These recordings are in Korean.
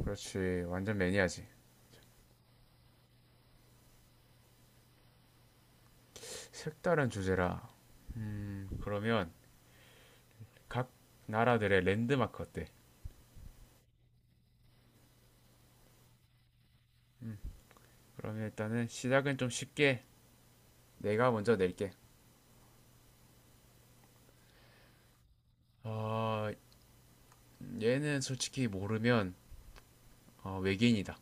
그렇지. 완전 매니아지. 색다른 주제라. 그러면 각 나라들의 랜드마크 어때? 그러면 일단은 시작은 좀 쉽게 내가 먼저 낼게. 어, 얘는 솔직히 모르면 외계인이다.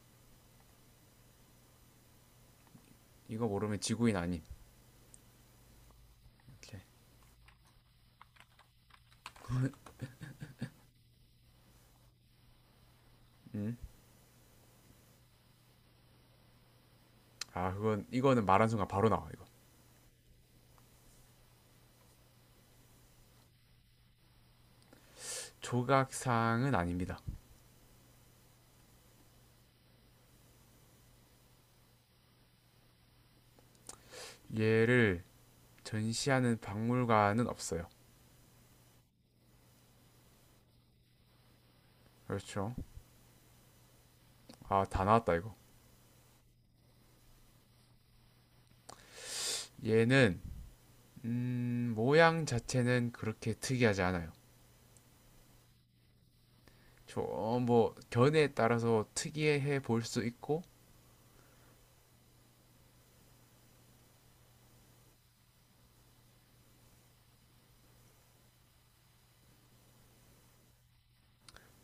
이거 모르면 지구인 아님. 오케이. 아, 그건 이거는 말한 순간 바로 나와 이거. 조각상은 아닙니다. 얘를 전시하는 박물관은 없어요. 그렇죠. 아, 다 나왔다 이거. 얘는 모양 자체는 그렇게 특이하지 않아요. 저뭐 견해에 따라서 특이해 볼 수 있고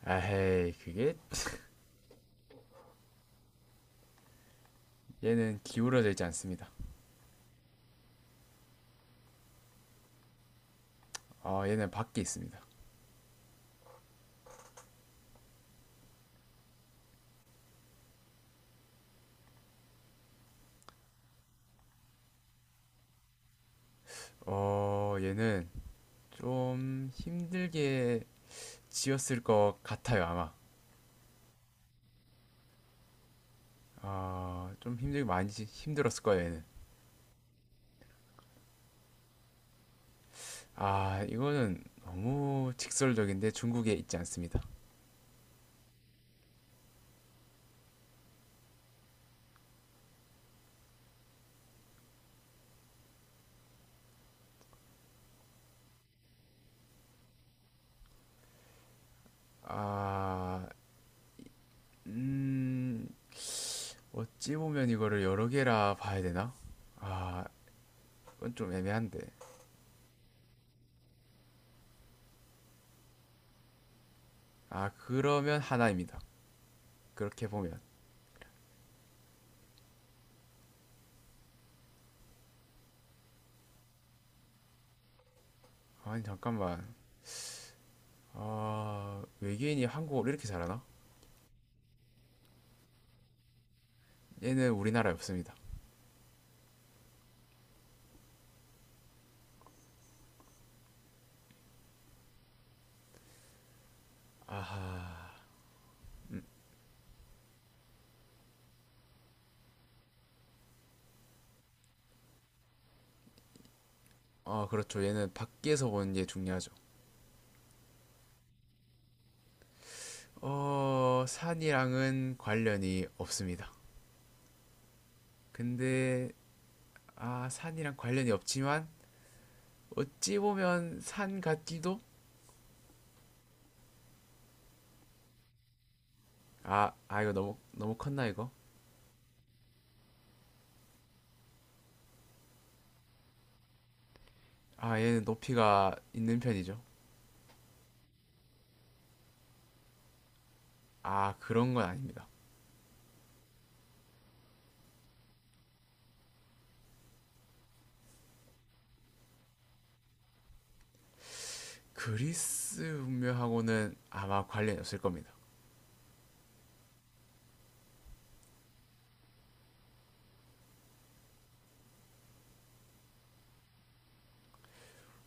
에이 그게 얘는 기울어져 있지 않습니다. 얘는 밖에 있습니다. 얘는 좀 힘들게 지었을 것 같아요 아마. 아좀 힘들게 많이 힘들었을 거예요 얘는. 아 이거는 너무 직설적인데 중국에 있지 않습니다. 아, 음. 어찌 보면 이거를 여러 개라 봐야 되나? 아, 이건 좀 애매한데. 아, 그러면 하나입니다. 그렇게 보면. 아니, 잠깐만. 외계인이 한국어를 이렇게 잘하나? 얘는 우리나라에 없습니다. 어, 그렇죠. 얘는 밖에서 보는 게 중요하죠. 어, 산이랑은 관련이 없습니다. 근데, 아, 산이랑 관련이 없지만, 어찌 보면 산 같기도? 아, 아, 이거 너무, 너무 컸나, 이거? 아, 얘는 높이가 있는 편이죠. 아, 그런 건 아닙니다. 그리스 문명하고는 아마 관련이 없을 겁니다.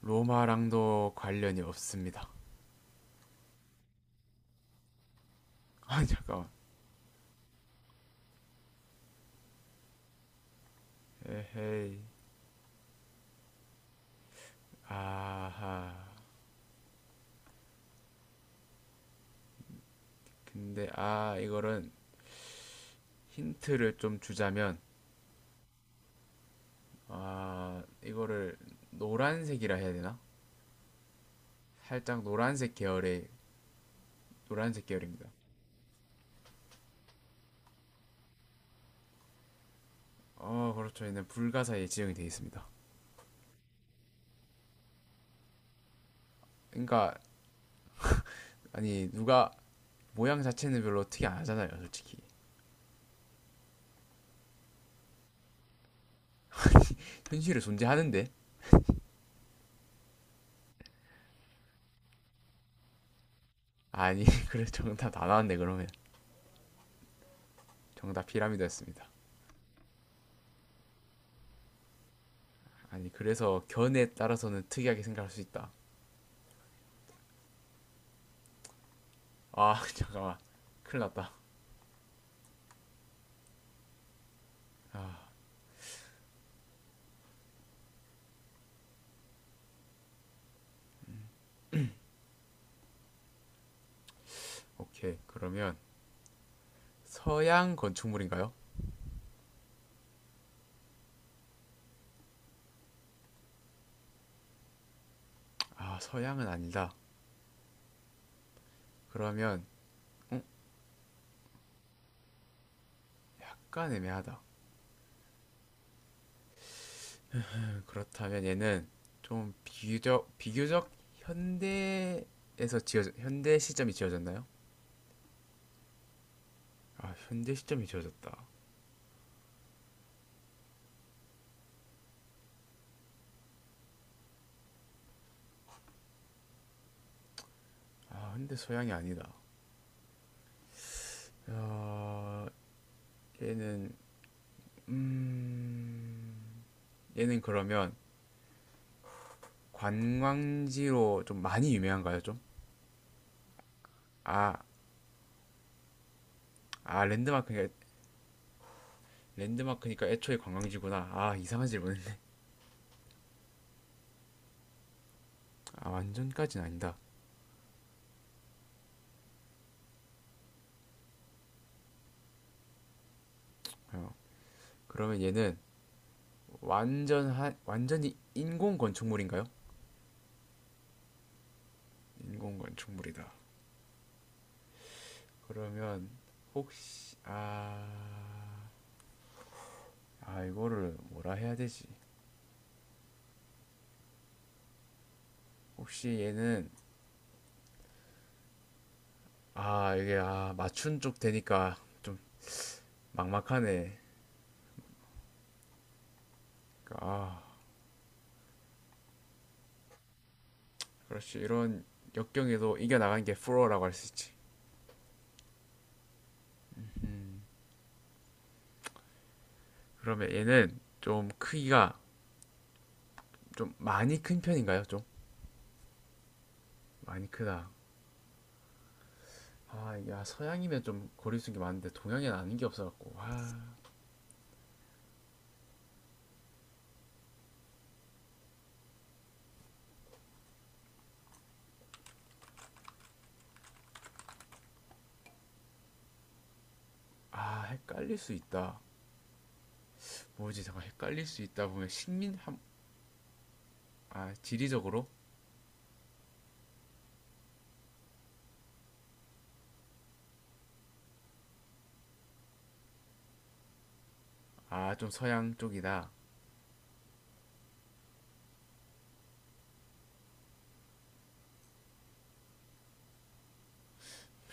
로마랑도 관련이 없습니다. 아 잠깐만. 에헤이. 아하. 근데 이거는 힌트를 좀 주자면 이거를 노란색이라 해야 되나? 살짝 노란색 계열입니다. 어 그렇죠. 얘는 불가사에 지정이 되어 있습니다. 그러니까 아니 누가 모양 자체는 별로 특이 안 하잖아요, 솔직히. 현실에 존재하는데. 아니 그래 정답 다 나왔네 그러면. 정답 피라미드였습니다. 아니 그래서 견에 따라서는 특이하게 생각할 수 있다. 아 잠깐만 큰일 났다. 아 오케이 그러면 서양 건축물인가요? 아 서양은 아니다. 그러면 음, 약간 애매하다. 그렇다면 얘는 좀 비교적 현대 시점이 지어졌나요? 아 현대 시점이 지어졌다. 아 근데 서양이 아니다. 야, 얘는 음 얘는 그러면 관광지로 좀 많이 유명한가요? 좀? 아, 아 랜드마크니까 랜드마크니까 애초에 관광지구나. 아 이상한 질문인데. 아 완전까지는 아니다. 어. 그러면 얘는 완전히 인공 건축물인가요? 인공 건축물이다. 그러면 혹시 아, 이거를 뭐라 해야 되지? 혹시 얘는 아 이게 맞춘 쪽 되니까 좀 막막하네. 아 그렇지. 이런 역경에도 이겨나가는 게 프로라고 할 수 있지. 그러면 얘는 좀 크기가 좀 많이 큰 편인가요? 좀 많이 크다. 아, 야, 서양이면 좀 거리 있는 기 많은데 동양에는 아는 게 없어갖고. 헷갈릴 수 있다. 뭐지? 잠깐 헷갈릴 수 있다 보면 식민 함, 아, 지리적으로? 아, 좀 서양 쪽이다.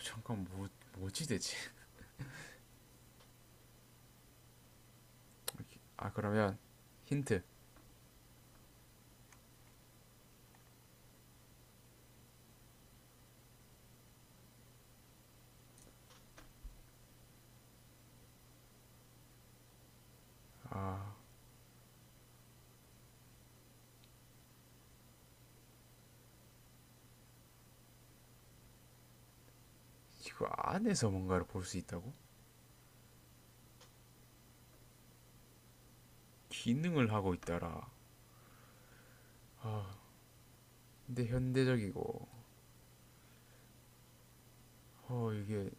잠깐 뭐지 대체? 아, 그러면 힌트. 이거 안에서 뭔가를 볼 수 있다고? 기능을 하고 있다라. 근데 현대적이고 이게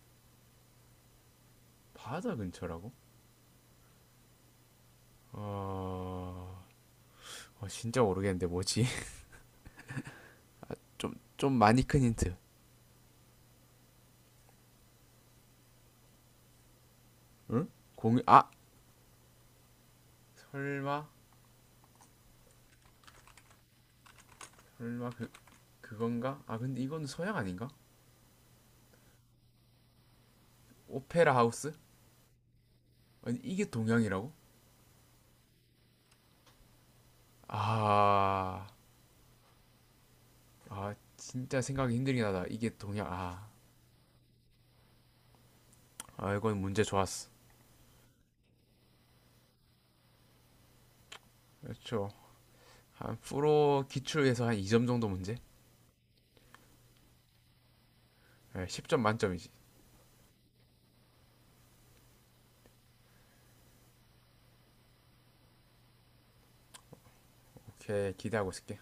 바다 근처라고? 어, 진짜 모르겠는데 뭐지? 좀 많이 큰 힌트. 응? 공유, 아! 설마? 설마 그건가? 아, 근데 이건 서양 아닌가? 오페라 하우스? 아니, 이게 동양이라고? 아, 진짜 생각이 힘들긴 하다. 이게 동양, 아. 아, 이건 문제 좋았어. 그렇죠. 한 프로 기출에서 한 2점 정도 문제? 네, 10점 만점이지. 오케이, 기대하고 있을게.